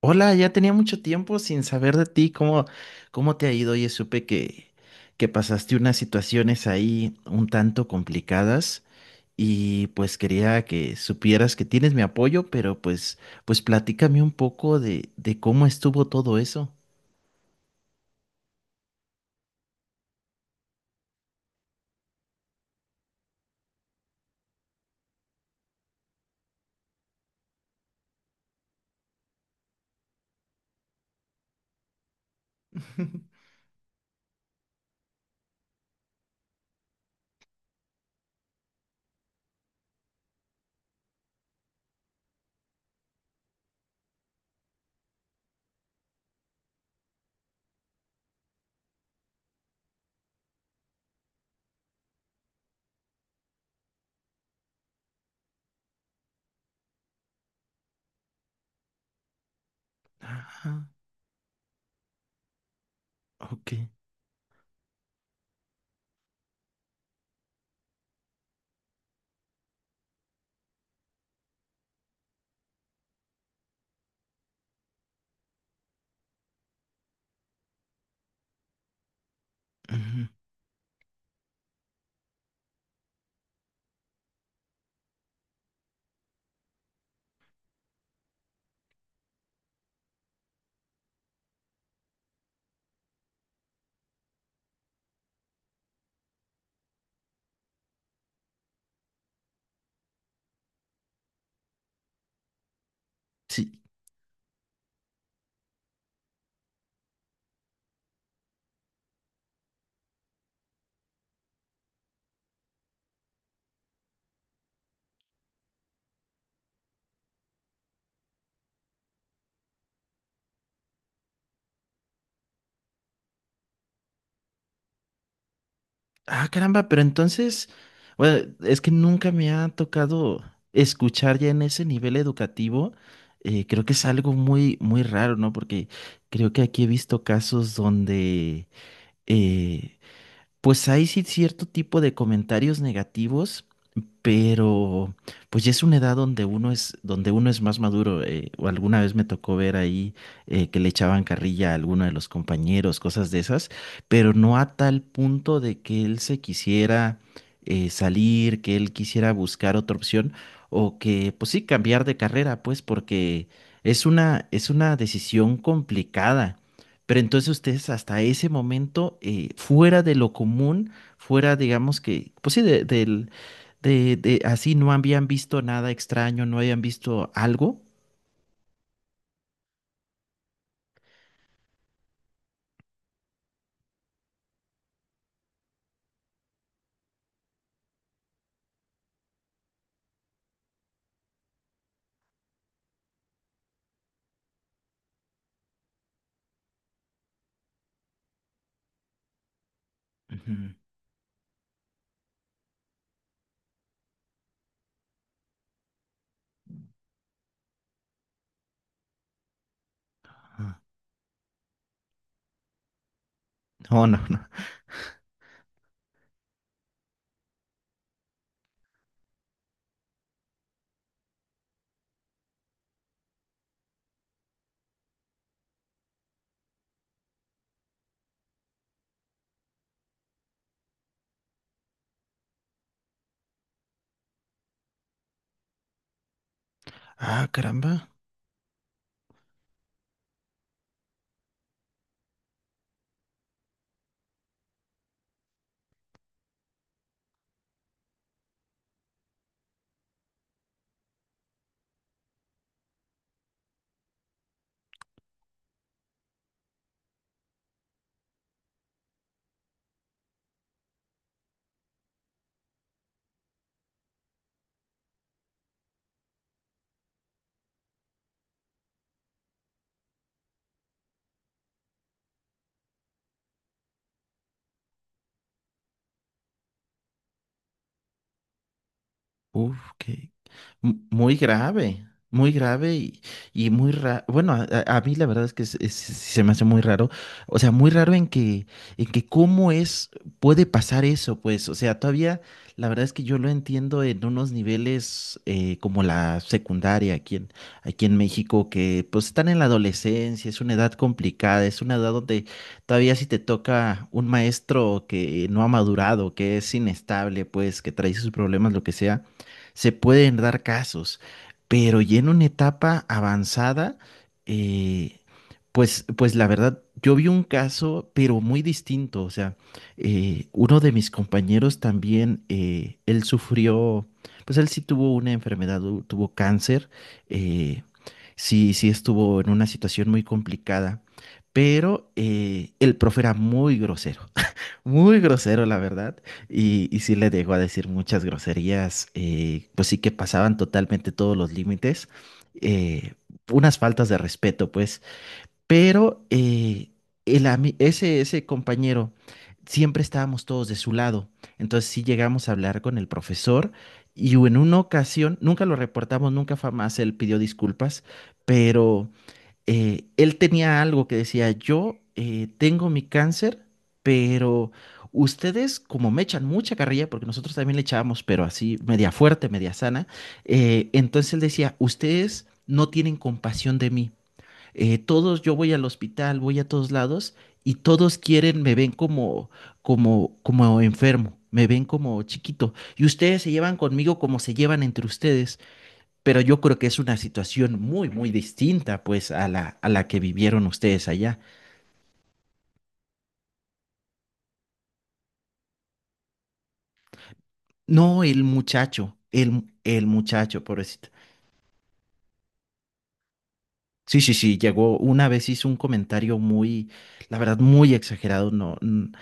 Hola, ya tenía mucho tiempo sin saber de ti, ¿Cómo te ha ido? Oye, supe que pasaste unas situaciones ahí un tanto complicadas y pues quería que supieras que tienes mi apoyo, pero platícame un poco de cómo estuvo todo eso. Ah, ok. Ujú. Sí. Ah, caramba, pero entonces, bueno, es que nunca me ha tocado escuchar ya en ese nivel educativo. Creo que es algo muy raro, ¿no? Porque creo que aquí he visto casos donde, eh, pues hay sí cierto tipo de comentarios negativos, pero pues ya es una edad donde uno es más maduro. O alguna vez me tocó ver ahí que le echaban carrilla a alguno de los compañeros, cosas de esas, pero no a tal punto de que él se quisiera salir, que él quisiera buscar otra opción, o que, pues sí, cambiar de carrera, pues, porque es una decisión complicada. Pero entonces ustedes hasta ese momento, fuera de lo común, fuera, digamos que, pues sí, así no habían visto nada extraño, no habían visto algo. Ujú. Ah. No, no, no. Ah, caramba. Uf, muy grave, muy grave, y muy raro. Bueno, a mí la verdad es que se me hace muy raro. O sea, muy raro en que cómo es, puede pasar eso, pues. O sea, todavía la verdad es que yo lo entiendo en unos niveles como la secundaria aquí en, aquí en México, que pues están en la adolescencia, es una edad complicada, es una edad donde todavía si te toca un maestro que no ha madurado, que es inestable, pues, que trae sus problemas, lo que sea se pueden dar casos, pero ya en una etapa avanzada, eh, pues la verdad, yo vi un caso, pero muy distinto. O sea, uno de mis compañeros también, él sufrió, pues él sí tuvo una enfermedad, tuvo cáncer, eh, sí estuvo en una situación muy complicada, pero el profe era muy grosero. Muy grosero, la verdad. Y sí le llegó a decir muchas groserías, pues sí que pasaban totalmente todos los límites, eh, unas faltas de respeto, pues. Pero ese compañero, siempre estábamos todos de su lado. Entonces sí llegamos a hablar con el profesor y en una ocasión, nunca lo reportamos, nunca fue más, él pidió disculpas, pero él tenía algo que decía, yo tengo mi cáncer, pero ustedes como me echan mucha carrilla, porque nosotros también le echábamos, pero así media fuerte, media sana. Entonces él decía, ustedes no tienen compasión de mí. Todos, yo voy al hospital, voy a todos lados y todos quieren, me ven como, como enfermo. Me ven como chiquito y ustedes se llevan conmigo como se llevan entre ustedes, pero yo creo que es una situación muy distinta pues a la que vivieron ustedes allá. No, el muchacho, el muchacho, pobrecito. Sí, sí, sí, llegó una vez, hizo un comentario muy, la verdad, muy exagerado, no, n-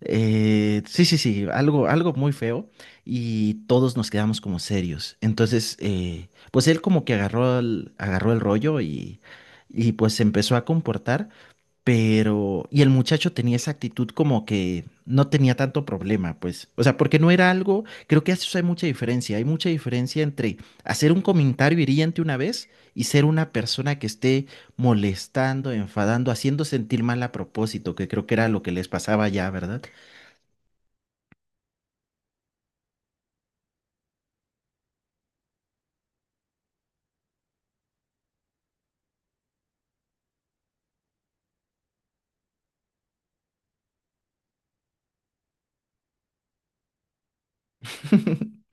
sí, sí, sí, algo, algo muy feo y todos nos quedamos como serios. Entonces, pues él como que agarró el rollo y pues se empezó a comportar. Pero, y el muchacho tenía esa actitud como que no tenía tanto problema, pues. O sea, porque no era algo, creo que eso hay mucha diferencia. Hay mucha diferencia entre hacer un comentario hiriente una vez y ser una persona que esté molestando, enfadando, haciendo sentir mal a propósito, que creo que era lo que les pasaba ya, ¿verdad?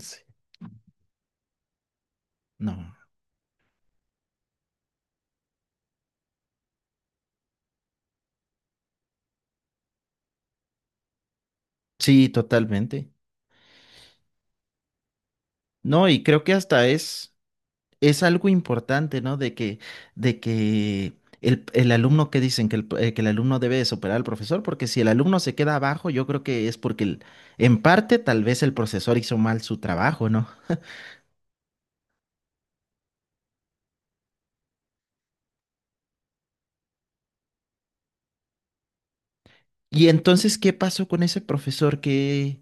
Sí. No. Sí, totalmente. No, y creo que hasta es. Es algo importante, ¿no? De que el alumno que dicen que el alumno debe de superar al profesor, porque si el alumno se queda abajo, yo creo que es porque en parte tal vez el profesor hizo mal su trabajo, ¿no? Y entonces, ¿qué pasó con ese profesor que...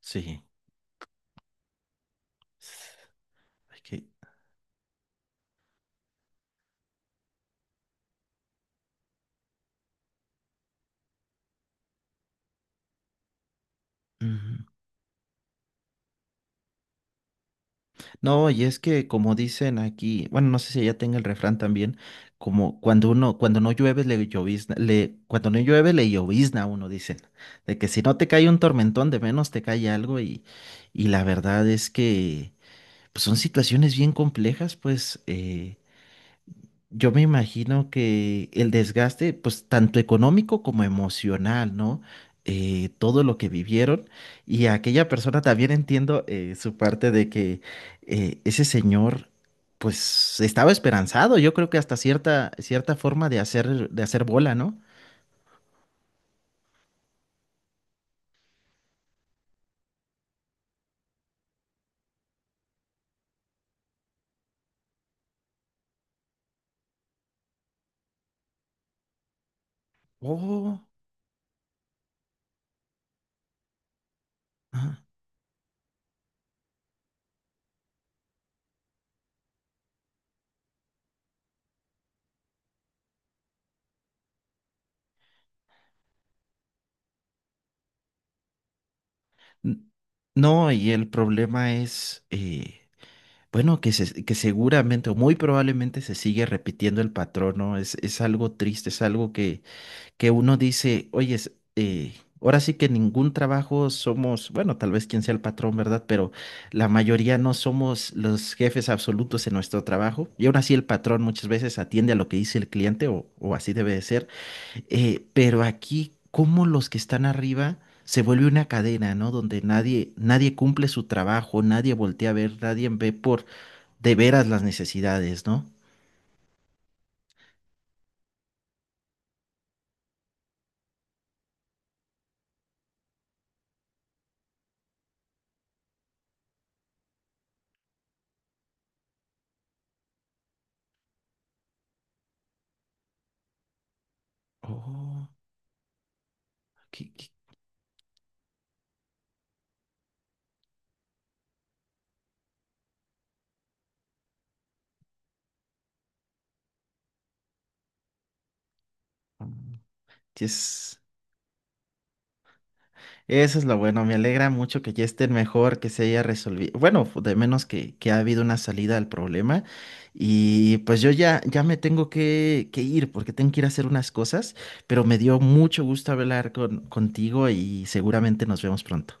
Sí. s- hay que- Ujú. No, y es que como dicen aquí, bueno, no sé si ella tenga el refrán también, cuando no llueve le llovizna, cuando no llueve le llovizna a uno, dicen, de que si no te cae un tormentón, de menos te cae algo, y la verdad es que pues son situaciones bien complejas, pues, yo me imagino que el desgaste, pues tanto económico como emocional, ¿no? Todo lo que vivieron y aquella persona también entiendo su parte de que ese señor, pues estaba esperanzado, yo creo que hasta cierta, cierta forma de hacer bola, ¿no? Oh. Ajá. N- No, y el problema es, que seguramente o muy probablemente se sigue repitiendo el patrón, ¿no? Es algo triste, es algo que uno dice, oye, ahora sí que ningún trabajo somos, bueno, tal vez quien sea el patrón, ¿verdad? Pero la mayoría no somos los jefes absolutos en nuestro trabajo. Y aún así el patrón muchas veces atiende a lo que dice el cliente o así debe de ser. Pero aquí, como los que están arriba... Se vuelve una cadena, ¿no? Donde nadie, nadie cumple su trabajo, nadie voltea a ver, nadie ve por de veras las necesidades, ¿no? Oh. qué- qué- mm, es Eso es lo bueno, me alegra mucho que ya estén mejor, que se haya resolvido, bueno, de menos que ha habido una salida al problema y pues ya me tengo que ir porque tengo que ir a hacer unas cosas, pero me dio mucho gusto hablar con, contigo y seguramente nos vemos pronto.